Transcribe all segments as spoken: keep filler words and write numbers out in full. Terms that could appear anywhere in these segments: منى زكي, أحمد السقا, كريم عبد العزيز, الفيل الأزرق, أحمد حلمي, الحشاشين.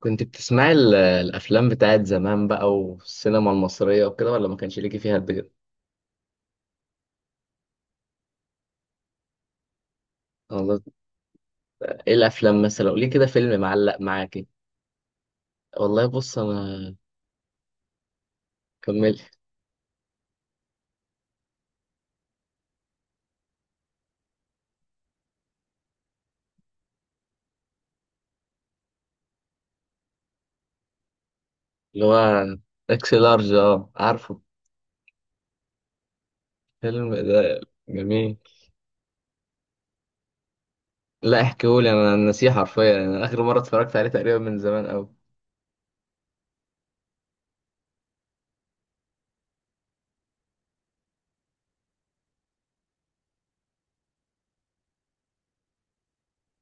كنت بتسمعي ال- الافلام بتاعت زمان بقى، والسينما المصريه وكده، ولا ما كانش ليكي فيها قد كده؟ والله. ايه الافلام مثلا؟ قولي كده، فيلم معلق معاكي. والله، بص انا كملت. اللي هو اكس لارج، اه عارفه الفيلم ده، جميل. لا احكيهولي، انا نسيه حرفيا، انا اخر مره اتفرجت عليه تقريبا من زمان قوي.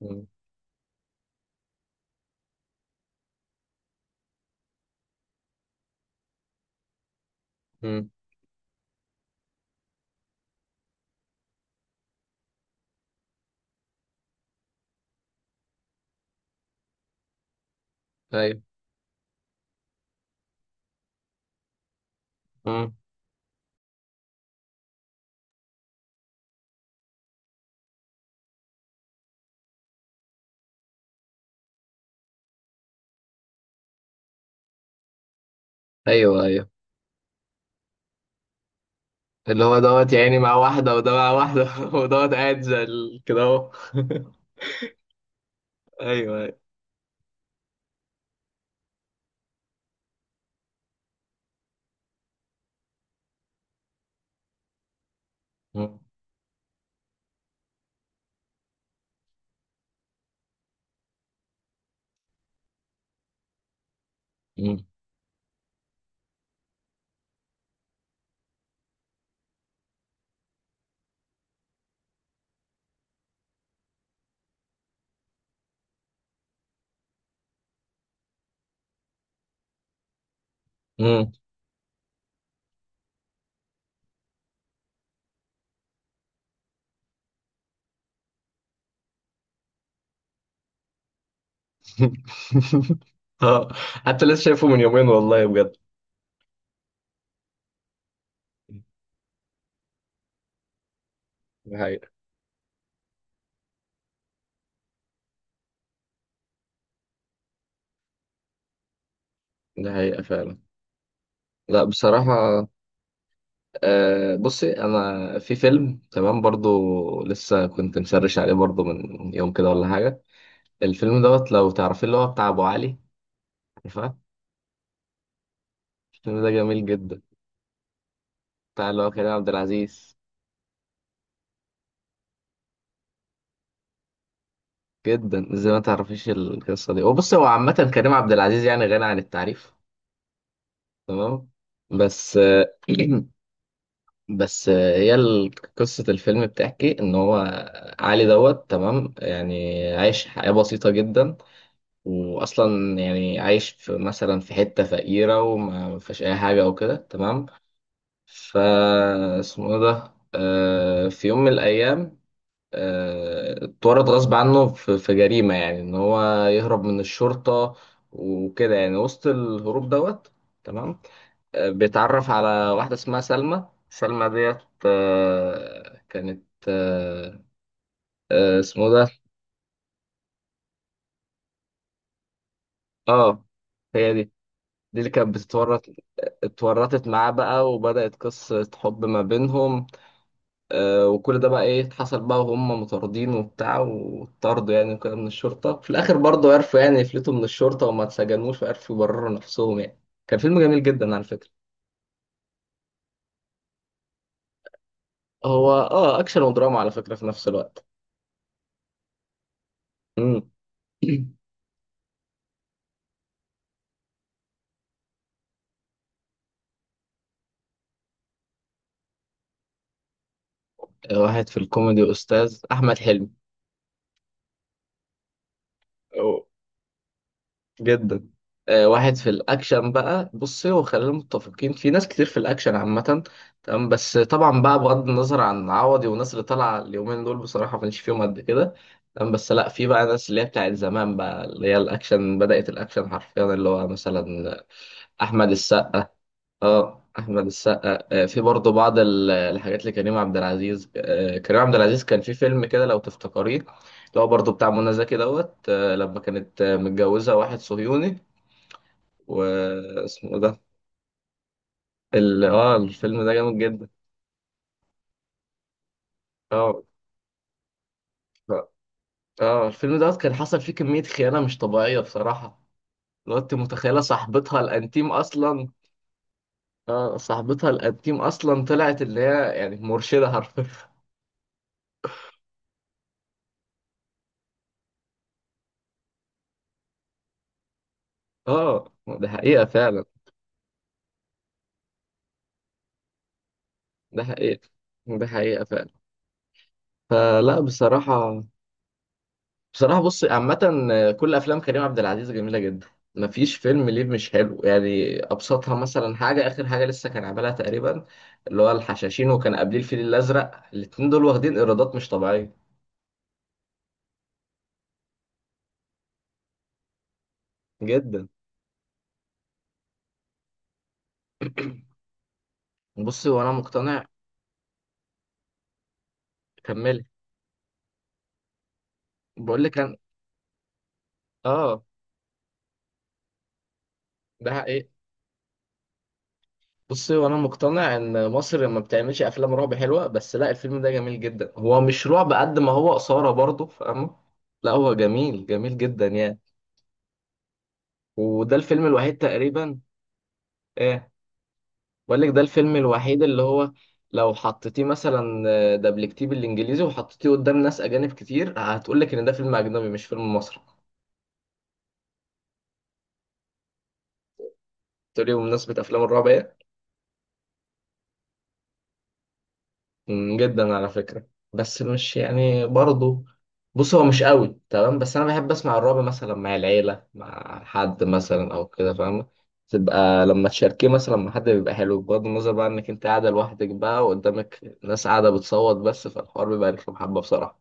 مم. مم. ايوه. مم. ايوه ايوه. اللي هو دوت يعني مع واحده، وده مع واحده ودوت قاعد زي ال- كده، اهو ايوه ايوه. مم. مم. اه، حتى لسه شايفه من يومين، والله بجد. دي حقيقة. دي حقيقة فعلا. لا بصراحة، آه بصي، أنا في فيلم تمام برضو، لسه كنت مسرش عليه برضو من يوم كده ولا حاجة. الفيلم دوت لو تعرفين، اللي هو بتاع أبو علي، عارفاه. الفيلم ده جميل جدا، بتاع اللي هو كريم عبد العزيز. جدا، زي ما تعرفيش القصة دي. وبصي، هو عامة كريم عبد العزيز يعني غني عن التعريف، تمام. بس آه، بس هي ال- قصة الفيلم بتحكي إن هو علي دوت، تمام، يعني عايش حياة بسيطة جدا، وأصلا يعني عايش في مثلا في حتة فقيرة، وما فيش أي حاجة أو كده، تمام. فا اسمه إيه ده، آه في يوم من الأيام آه، اتورط غصب عنه في في جريمة، يعني إن هو يهرب من الشرطة وكده، يعني وسط الهروب دوت، تمام. بيتعرف على واحدة اسمها سلمى سلمى ديت، آه، كانت آه، آه، اسمه ده. اه، هي دي دي اللي كانت بتتورط. اتورطت معاه بقى، وبدأت قصة حب ما بينهم. آه، وكل ده بقى ايه حصل بقى، وهم مطاردين وبتاع وطردوا يعني، وكده من الشرطة. في الآخر برضه عرفوا يعني يفلتوا من الشرطة، وما اتسجنوش، وعرفوا يبرروا نفسهم يعني. كان فيلم جميل جدا على فكرة. هو اه أكشن ودراما على فكرة في نفس الوقت. مم. واحد في الكوميدي أستاذ أحمد حلمي. أو جدا. آه، واحد في الأكشن بقى، بصي، وخلينا متفقين، في ناس كتير في الأكشن عامة، تمام. بس طبعا بقى، بغض النظر عن عوضي والناس اللي طالعة اليومين دول، بصراحة ما كانش فيهم قد كده. تمام. بس لا، في بقى ناس اللي هي بتاعت زمان بقى، اللي هي الأكشن، بدأت الأكشن حرفيا، اللي هو مثلا أحمد السقا. اه، احمد السقا، آه، في برضه بعض ال- الحاجات لكريم عبد العزيز. آه، كريم عبد العزيز كان في فيلم كده لو تفتكريه، اللي هو برضه بتاع منى زكي دوت، آه، لما كانت آه، متجوزه واحد صهيوني، واسمه إيه ده. ال... اه الفيلم ده جامد جدا. اه، ف- اه الفيلم دوت كان حصل فيه كميه خيانه مش طبيعيه بصراحه. لو انت متخيله، صاحبتها الانتيم اصلا. اه، صاحبتها الانتيم اصلا طلعت اللي هي يعني مرشده حرفيا. اه، ده حقيقه فعلا. ده حقيقة. ده حقيقة فعلا. فلا بصراحة، بصراحة بص، عامة كل أفلام كريم عبد العزيز جميلة جدا، مفيش فيلم ليه مش حلو، يعني أبسطها مثلا حاجة، آخر حاجة لسه كان عاملها تقريبا، اللي هو الحشاشين، وكان قبليه الفيل الأزرق، الاتنين دول واخدين إيرادات مش طبيعية. جدا. بص، وأنا مقتنع، كمل. بقول لك أنا، آه ده حقيقة. بصي، وانا مقتنع ان مصر ما بتعملش افلام رعب حلوه، بس لا، الفيلم ده جميل جدا، هو مش رعب قد ما هو اثاره، برضه فاهمه. لا، هو جميل، جميل جدا يعني. وده الفيلم الوحيد تقريبا. ايه، بقول لك ده الفيلم الوحيد، اللي هو لو حطيتيه مثلا، آه، دبلجتيه بالانجليزي، وحطيتيه قدام ناس اجانب كتير، هتقول لك ان ده فيلم اجنبي مش فيلم مصري. تقولي بمناسبه افلام الرعب إيه؟ مم، جدا على فكرة. بس مش يعني برضه، بص هو مش قوي، تمام، بس انا بحب اسمع الرعب مثلا مع العيلة، مع حد مثلا او كده، فاهم؟ تبقى لما تشاركيه مثلا مع حد بيبقى حلو، بغض النظر بقى انك انت قاعدة لوحدك بقى، وقدامك ناس قاعدة بتصوت. بس فالحوار بيبقى رخم حبة بصراحة.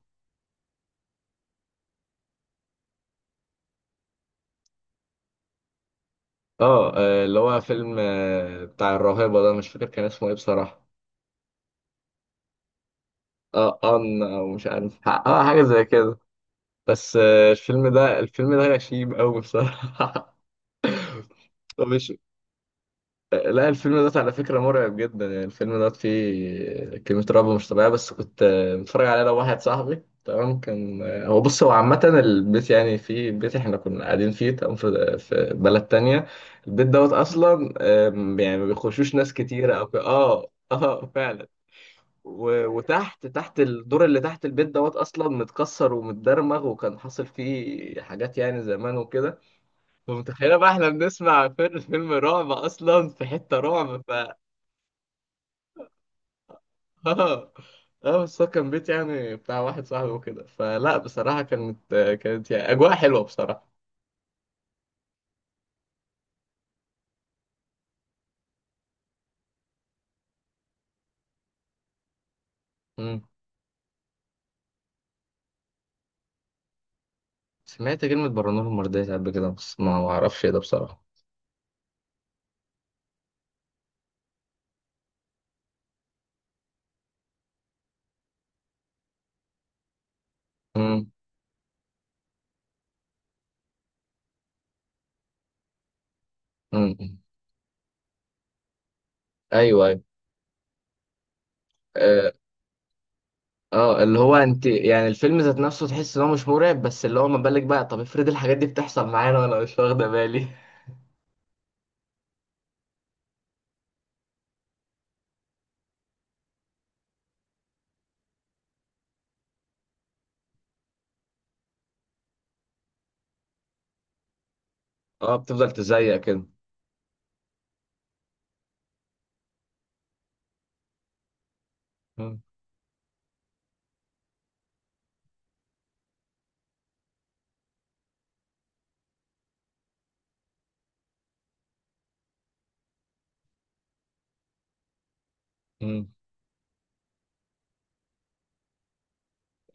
اه، آه، اللي هو فيلم آه، بتاع الراهبة ده، مش فاكر كان اسمه ايه بصراحة. اه، ان او، مش عارف، اه حاجة زي كده. بس آه، الفيلم ده، الفيلم ده غشيم قوي بصراحة. مش، لا، الفيلم ده على فكرة مرعب جدا، يعني الفيلم ده فيه كمية رعب مش طبيعية. بس كنت آه، متفرج عليه لو واحد صاحبي، تمام. كان آه، هو، بص، هو عامة البيت، يعني في بيت احنا كنا قاعدين فيه، تمام، في في بلد تانية. البيت دوت أصلا، آم، يعني ما بيخشوش ناس كتيرة أو ك- اه اه فعلا. و- وتحت، تحت الدور اللي تحت البيت دوت، أصلا متكسر ومتدرمغ، وكان حاصل فيه حاجات يعني زمان وكده. فمتخيلة بقى احنا بنسمع فيلم فيلم رعب، اصلا في حتة رعب. اه اه بس هو كان بيت يعني بتاع واحد صاحبي وكده، فلا بصراحة كانت، كانت يعني أجواء حلوة بصراحة. مم. سمعت كلمة برانور مرضية قبل كده، بس ما ما أعرفش إيه ده بصراحة. مم. مم. أيوه أيوه. آه، آه، اللي هو، أنت يعني الفيلم ذات نفسه تحس إن هو مش مرعب، بس اللي هو ما بالك بقى؟ طب افرض الحاجات دي بتحصل معانا وأنا مش واخدة بالي اه بتفضل تزيق كده. مم. مم.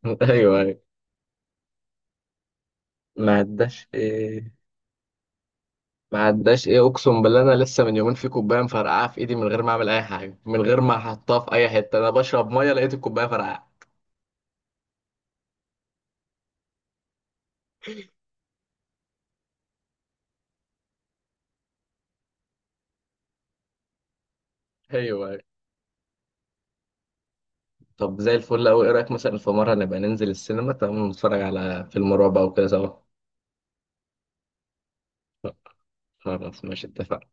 أيوه أيوه. ما عداش آه، ما عداش ايه، اقسم بالله، انا لسه من يومين في كوبايه مفرقعه في ايدي، من غير ما اعمل اي حاجه، من غير ما احطها في اي حته، انا بشرب ميه لقيت الكوبايه فرقعه. ايوه. طب زي الفل قوي، ايه رايك مثلا في مره نبقى ننزل السينما، تمام، نتفرج على فيلم رعب او كده سوا؟ خلاص، ماشي، اتفقنا.